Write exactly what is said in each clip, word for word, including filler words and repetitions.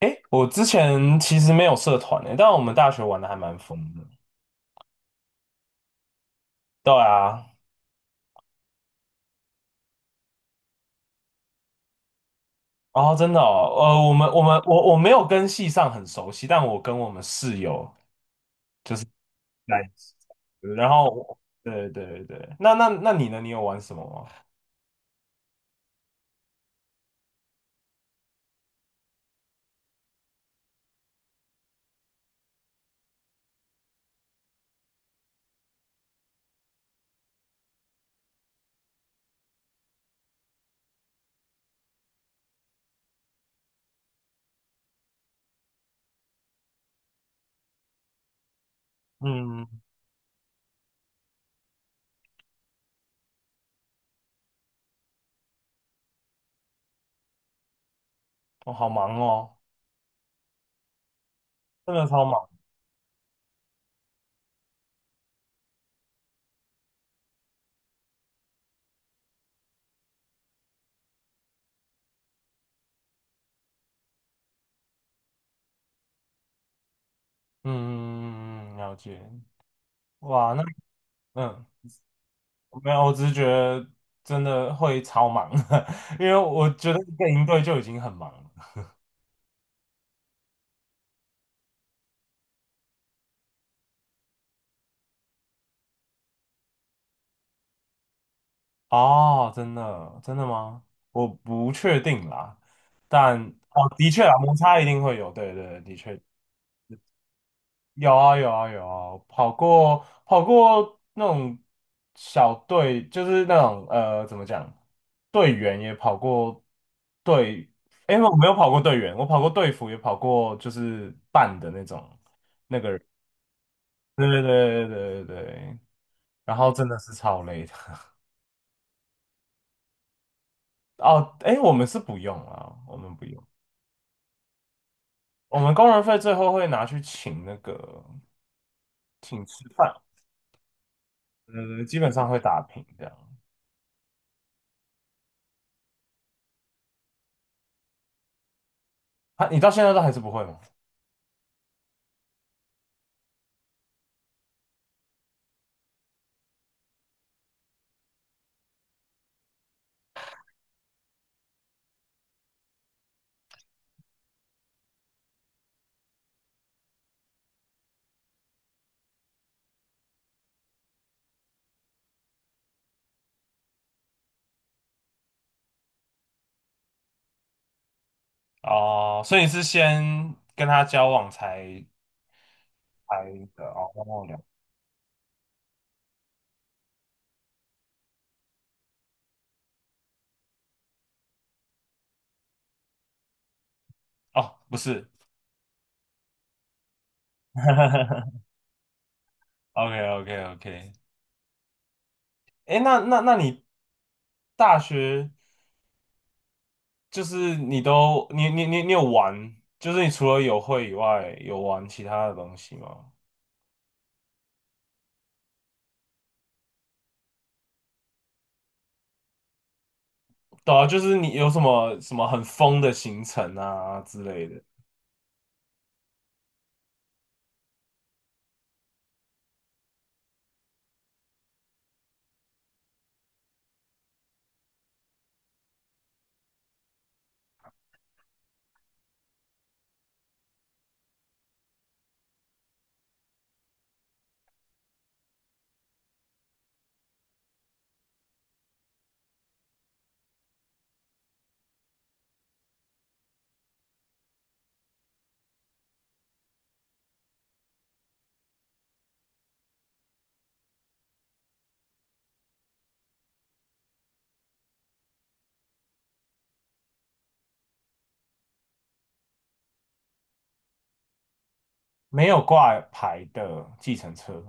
诶，我之前其实没有社团诶，但我们大学玩的还蛮疯的。对啊，然后真的哦，呃，我们我们我我没有跟系上很熟悉，但我跟我们室友就是在一起。然后我对对对对，那那那你呢？你有玩什么吗？嗯，我、好忙哦，真的超忙。嗯，嗯嗯嗯嗯了解。哇，那嗯，没有，我只是觉得真的会超忙，因为我觉得一个营队就已经很忙了。哦，真的，真的吗？我不确定啦，但哦，的确啊，摩擦一定会有，对对，的确有啊，有啊，有啊，跑过跑过那种小队，就是那种呃，怎么讲，队员也跑过队，哎，我没有跑过队员，我跑过队服，也跑过就是办的那种那个人，对对对对对对，对然后真的是超累的。哦，哎，我们是不用啊，我们不用。我们工人费最后会拿去请那个请吃饭，呃，基本上会打平这样。他你到现在都还是不会吗？哦，所以你是先跟他交往才才的哦，跟我聊哦，不是 ，OK OK OK，哎，那那那你大学就是你都你你你你有玩，就是你除了有会以外，有玩其他的东西吗？对啊，就是你有什么什么很疯的行程啊之类的。没有挂牌的计程车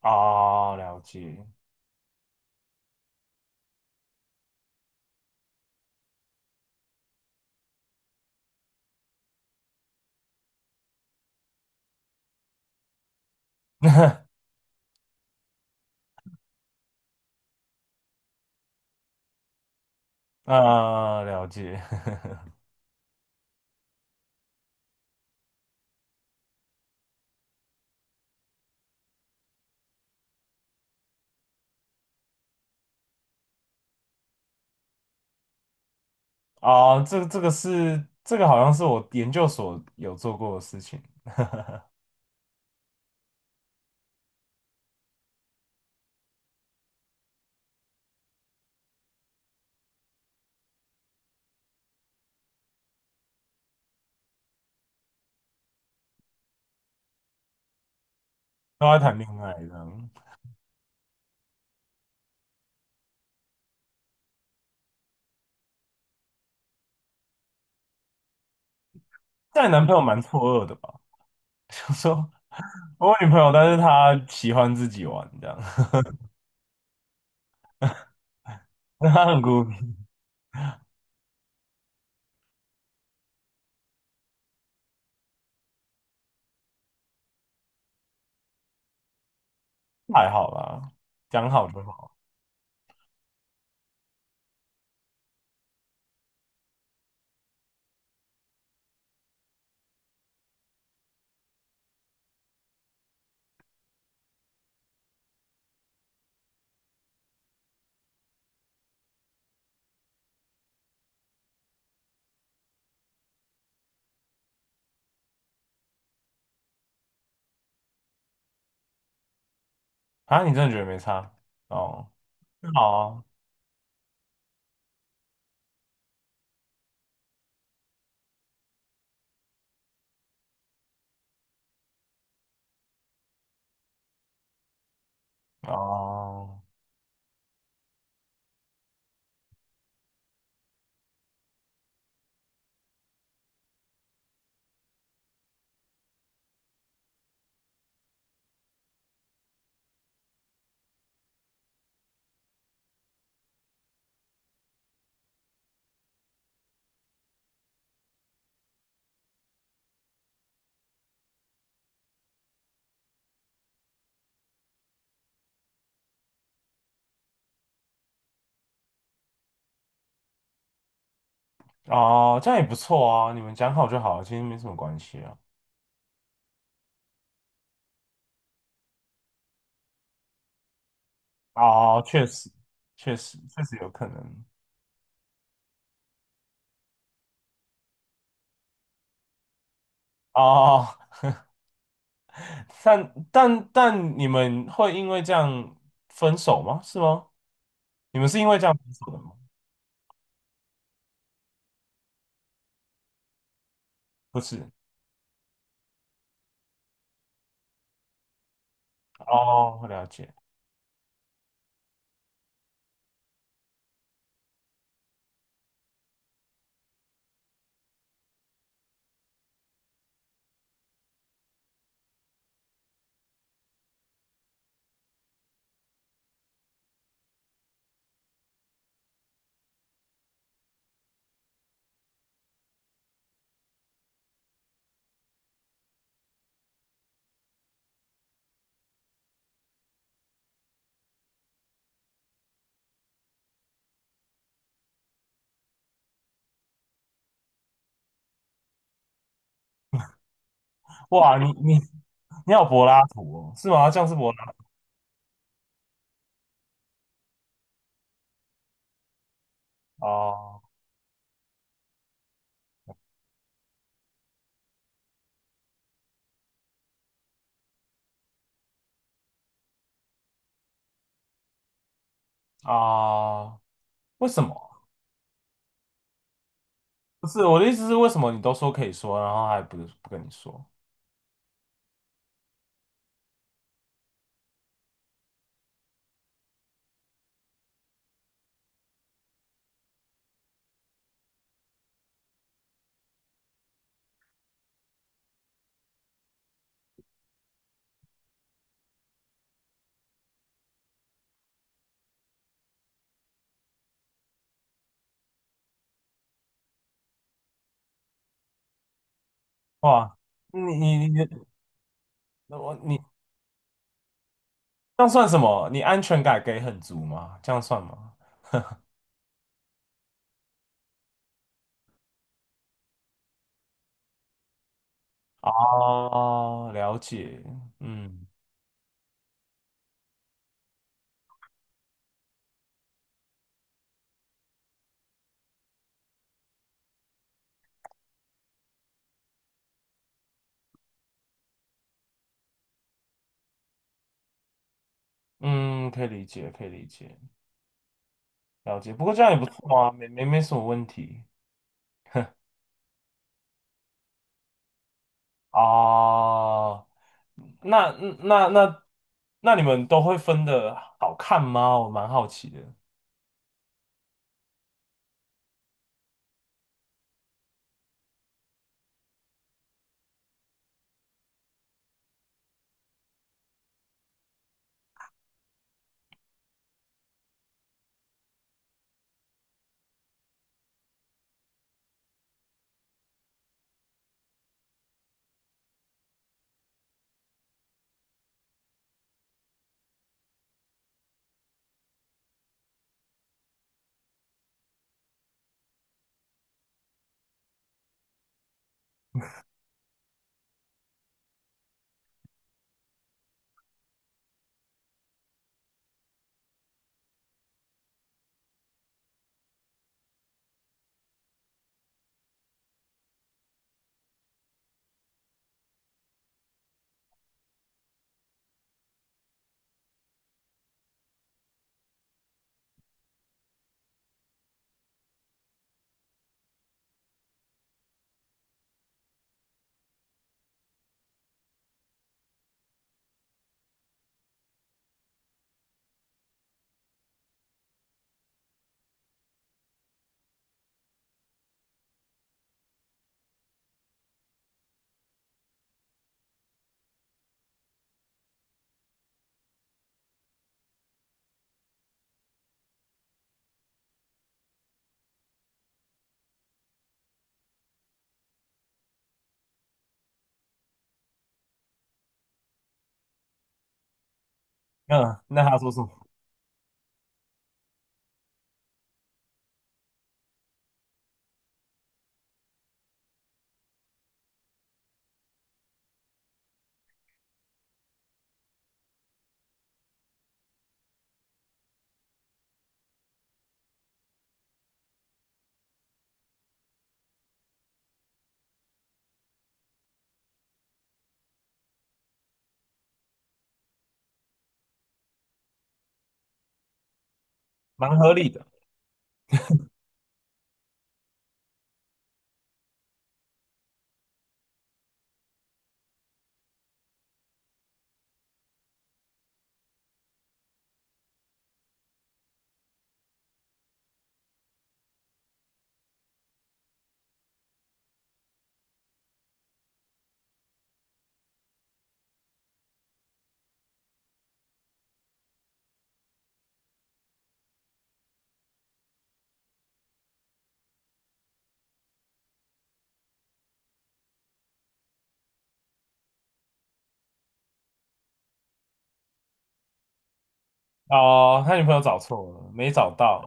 啊，了解，呃，了解 啊，这这个是这个好像是我研究所有做过的事情，都在谈恋爱这样。但你男朋友蛮错愕的吧？想说我有女朋友，但是她喜欢自己玩这样，那她很孤僻，还好啦，讲好就好啊。你真的觉得没差哦？那好啊，哦哦，这样也不错啊，你们讲好就好，其实没什么关系啊。哦，确实，确实，确实有可能哦。但但但你们会因为这样分手吗？是吗？你们是因为这样分手的吗？不是哦，我了解。哇，你你你好柏拉图哦，是吗？这样是柏拉图哦啊？为什么？不是我的意思是，为什么你都说可以说，然后还不不跟你说？哇，你你你我你这样算什么？你安全感给很足吗？这样算吗？哦，了解，嗯嗯，可以理解，可以理解，了解。不过这样也不错啊，没没没什么问题哦。那那那那你们都会分的好看吗？我蛮好奇的。嗯，那他说什么？蛮合理的哦。他女朋友找错了，没找到，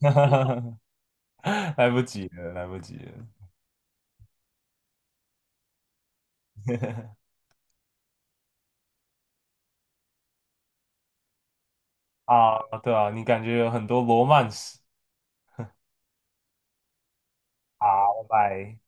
来不及了，来不及了啊！对啊，你感觉有很多罗曼史。好，拜拜。